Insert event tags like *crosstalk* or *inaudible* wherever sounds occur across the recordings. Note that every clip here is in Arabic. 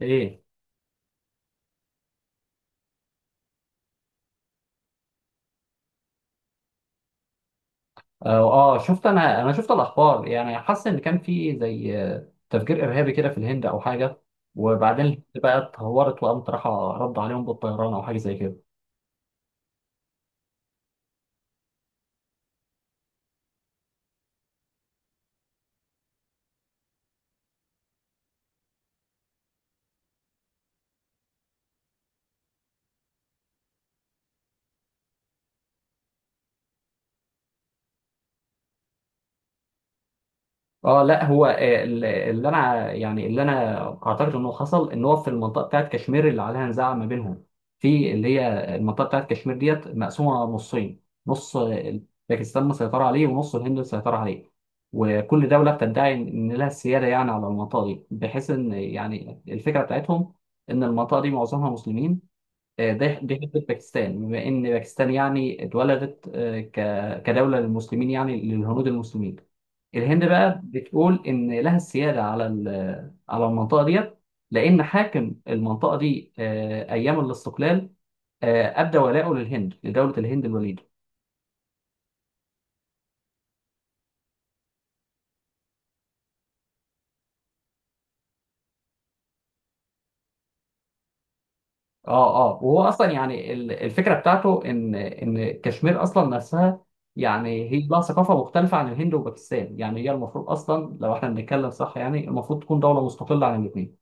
ايه. اه. شفت انا شفت الاخبار، يعني حاسس ان كان في زي تفجير ارهابي كده في الهند او حاجه. وبعدين الهند بقى اتهورت وقامت رايحه رد عليهم بالطيران او حاجه زي كده. اه، لا، هو اللي انا اعتقد انه حصل ان هو في المنطقه بتاعت كشمير اللي عليها نزاع ما بينهم. في اللي هي المنطقه بتاعت كشمير ديت مقسومه نصين. نص باكستان مسيطره عليه ونص الهند مسيطره عليه. وكل دوله بتدعي ان لها السياده، يعني على المنطقه دي، بحيث ان يعني الفكره بتاعتهم ان المنطقه دي معظمها مسلمين. ده دي حته باكستان، بما ان باكستان يعني اتولدت كدوله للمسلمين، يعني للهنود المسلمين. الهند بقى بتقول ان لها السياده على المنطقه ديت، لان حاكم المنطقه دي ايام الاستقلال ابدى ولاءه للهند، لدوله الهند الوليده. اه. اه، وهو اصلا يعني الفكره بتاعته ان كشمير اصلا نفسها يعني هي لها ثقافه مختلفه عن الهند وباكستان، يعني هي المفروض اصلا لو احنا بنتكلم صح يعني المفروض تكون دوله مستقله عن الاثنين.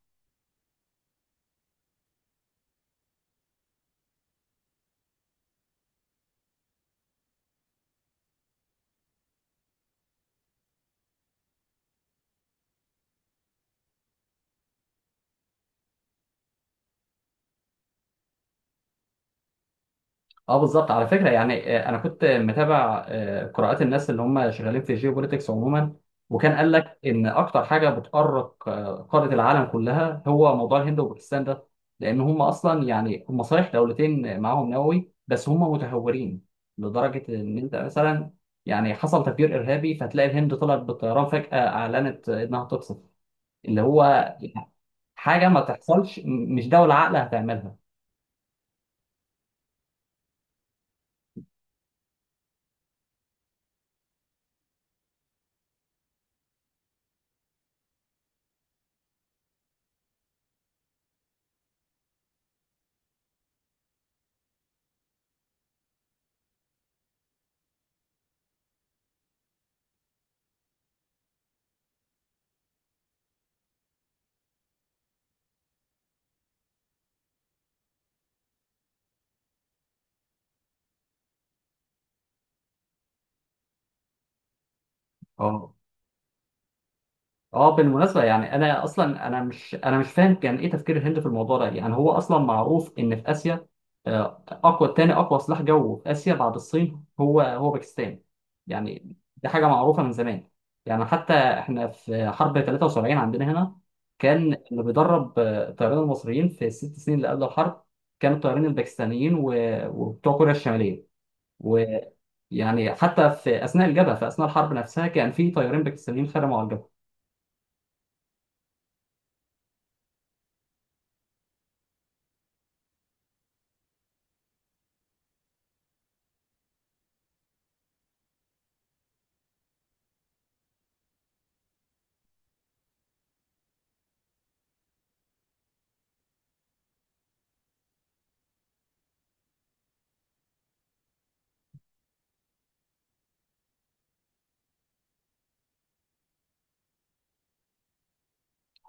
اه، بالظبط. على فكره يعني انا كنت متابع قراءات الناس اللي هم شغالين في الجيوبوليتكس عموما، وكان قال لك ان اكتر حاجه بتقرق قاره العالم كلها هو موضوع الهند وباكستان ده. لان هم اصلا يعني هم صحيح دولتين معاهم نووي بس هم متهورين لدرجه ان انت مثلا يعني حصل تفجير ارهابي فتلاقي الهند طلعت بالطيران فجاه اعلنت انها تقصف اللي هو حاجه ما تحصلش، مش دوله عاقله هتعملها. اه. اه، بالمناسبة يعني انا اصلا انا مش فاهم كان ايه تفكير الهند في الموضوع ده. يعني هو اصلا معروف ان في اسيا آه، اقوى تاني اقوى سلاح جو في اسيا بعد الصين هو باكستان. يعني دي حاجة معروفة من زمان. يعني حتى احنا في حرب 73 عندنا هنا كان اللي بيدرب الطيارين المصريين في الست سنين اللي قبل الحرب كانوا الطيارين الباكستانيين وبتوع كوريا الشمالية، ويعني حتى في اثناء الجبهة، في اثناء الحرب نفسها، كان في طيارين باكستانيين خدموا على الجبهة.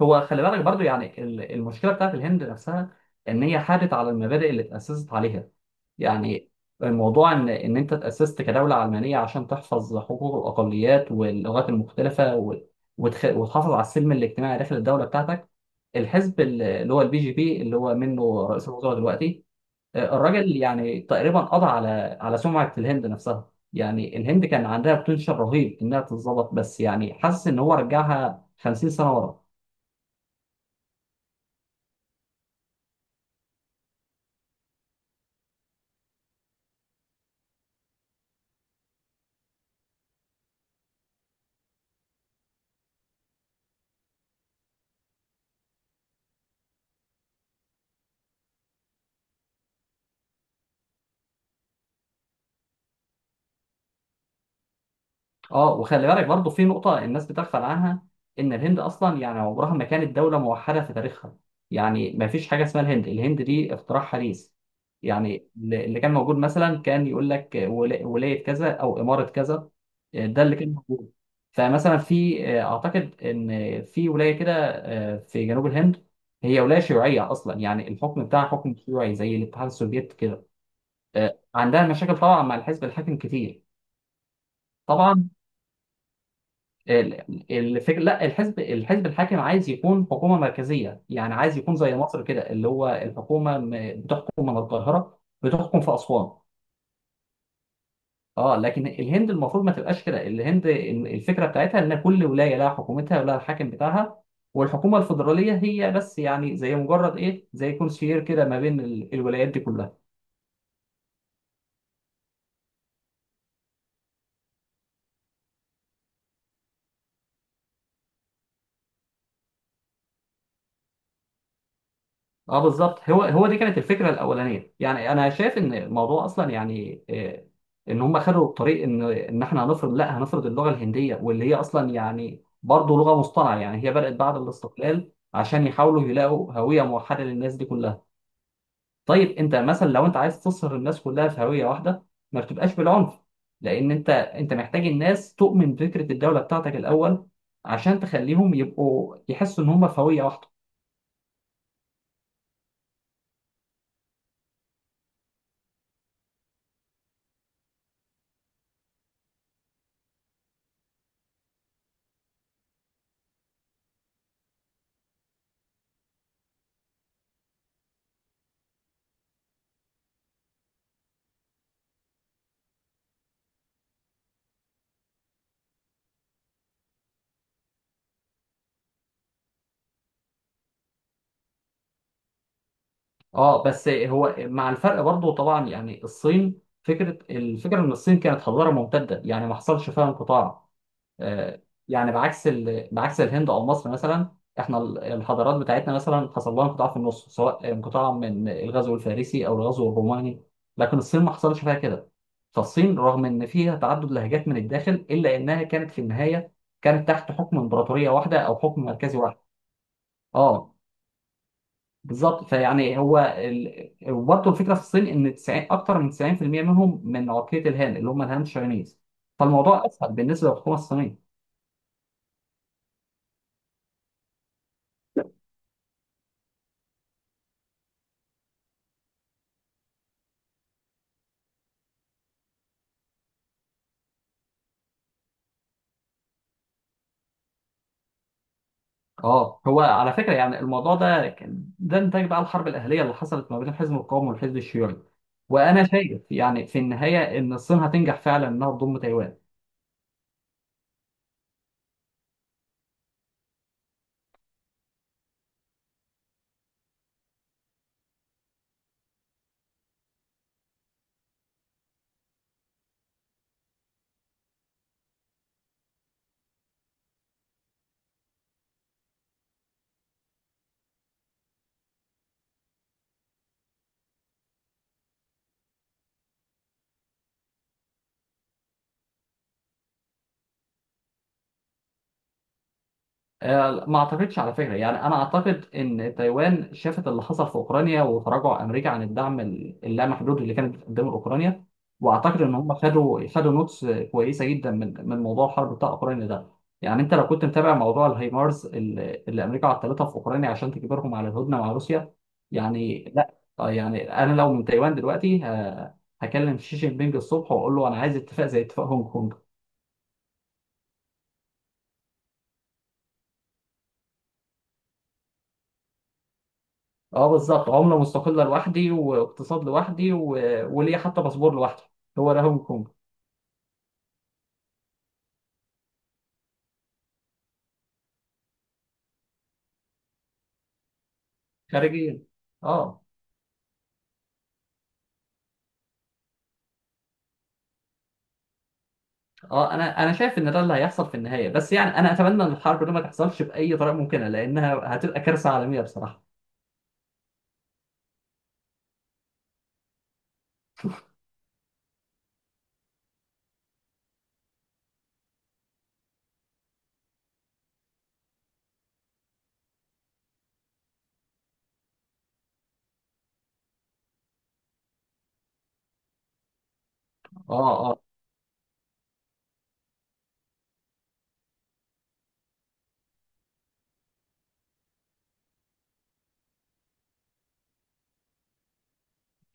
هو خلي بالك برضو، يعني المشكله بتاعت الهند نفسها ان هي حادت على المبادئ اللي اتاسست عليها. يعني الموضوع ان انت اتاسست كدوله علمانيه عشان تحفظ حقوق الاقليات واللغات المختلفه وتحافظ على السلم الاجتماعي داخل الدوله بتاعتك. الحزب اللي هو البي جي بي اللي هو منه رئيس الوزراء دلوقتي، الراجل يعني تقريبا قضى على سمعه الهند نفسها. يعني الهند كان عندها بوتنشال رهيب انها تتظبط، بس يعني حاسس ان هو رجعها 50 سنه ورا. اه، وخلي بالك برضه في نقطة الناس بتغفل عنها إن الهند أصلا يعني عمرها ما كانت دولة موحدة في تاريخها. يعني ما فيش حاجة اسمها الهند. الهند دي اختراع حديث. يعني اللي كان موجود مثلا كان يقول لك ولاية كذا أو إمارة كذا. ده اللي كان موجود. فمثلا في أعتقد إن في ولاية كده في جنوب الهند هي ولاية شيوعية أصلا، يعني الحكم بتاعها حكم شيوعي زي الاتحاد السوفيتي كده. عندها مشاكل طبعا مع الحزب الحاكم كتير. طبعا، الفكر، لا، الحزب الحاكم عايز يكون حكومه مركزيه، يعني عايز يكون زي مصر كده اللي هو الحكومه بتحكم من القاهره بتحكم في اسوان. اه، لكن الهند المفروض ما تبقاش كده. الهند الفكره بتاعتها ان كل ولايه لها حكومتها ولها الحاكم بتاعها، والحكومه الفدراليه هي بس يعني زي مجرد ايه، زي كونسير كده ما بين الولايات دي كلها. اه، بالظبط. هو دي كانت الفكره الاولانيه. يعني انا شايف ان الموضوع اصلا يعني ان هم خدوا الطريق ان احنا هنفرض، لا، هنفرض اللغه الهنديه، واللي هي اصلا يعني برضه لغه مصطنعه، يعني هي بدات بعد الاستقلال عشان يحاولوا يلاقوا هويه موحده للناس دي كلها. طيب، انت مثلا لو انت عايز تصهر الناس كلها في هويه واحده ما بتبقاش بالعنف، لان انت محتاج الناس تؤمن بفكره الدوله بتاعتك الاول عشان تخليهم يبقوا يحسوا ان هم في هويه واحده. اه، بس هو مع الفرق برضه طبعا. يعني الصين، الفكره ان الصين كانت حضاره ممتده، يعني ما حصلش فيها انقطاع. آه. يعني بعكس الهند او مصر مثلا. احنا الحضارات بتاعتنا مثلا حصل لها انقطاع في النص، سواء انقطاع من الغزو الفارسي او الغزو الروماني. لكن الصين ما حصلش فيها كده. فالصين رغم ان فيها تعدد لهجات من الداخل الا انها كانت في النهايه كانت تحت حكم امبراطوريه واحده او حكم مركزي واحد. اه، بالظبط. فيعني هو وبرضه الفكره في الصين ان 90، اكتر من 90% منهم من عقليه الهان، اللي هم الهان شاينيز، فالموضوع اسهل بالنسبه للحكومه الصينيه. اه. هو على فكره يعني الموضوع ده كان ده نتاج بقى الحرب الاهليه اللي حصلت ما بين الحزب القومي والحزب الشيوعي. وانا شايف يعني في النهايه ان الصين هتنجح فعلا انها تضم تايوان. ما اعتقدش على فكره. يعني انا اعتقد ان تايوان شافت اللي حصل في اوكرانيا وتراجع امريكا عن الدعم اللامحدود اللي كانت بتقدمه لاوكرانيا، واعتقد ان هم خدوا نوتس كويسه جدا من موضوع الحرب بتاع اوكرانيا ده. يعني انت لو كنت متابع موضوع الهايمارز اللي امريكا عطلتها في اوكرانيا عشان تجبرهم على الهدنه مع روسيا، يعني لا، يعني انا لو من تايوان دلوقتي هكلم شي جين بينج الصبح واقول له انا عايز اتفاق زي اتفاق هونج كونج. اه، بالظبط، عملة مستقلة لوحدي واقتصاد لوحدي وليا حتى باسبور لوحدي. هو ده هونج كونج. خارجيا. اه. اه، انا شايف ان ده اللي هيحصل في النهاية، بس يعني انا اتمنى ان الحرب دي ما تحصلش بأي طريقة ممكنة لانها هتبقى كارثة عالمية بصراحة. اه.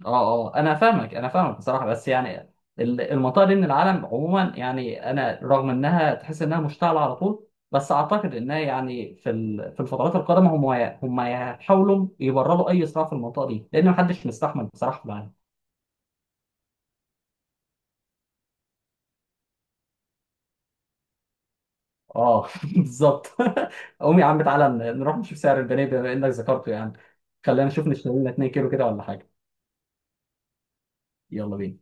اه. اه، انا فاهمك، انا فاهمك بصراحه، بس يعني المنطقه دي من العالم عموما، يعني انا رغم انها تحس انها مشتعله على طول، بس اعتقد انها يعني في الفترات القادمه هم يحاولوا يبرروا اي صراع في المنطقه دي لان محدش مستحمل بصراحه معانا. اه، *laughs* بالظبط. *laughs* قوم يا عم تعالى نروح نشوف سعر البنيه بما انك ذكرته يعني. خلينا نشوف نشتري لنا 2 كيلو كده ولا حاجه. يلا بينا.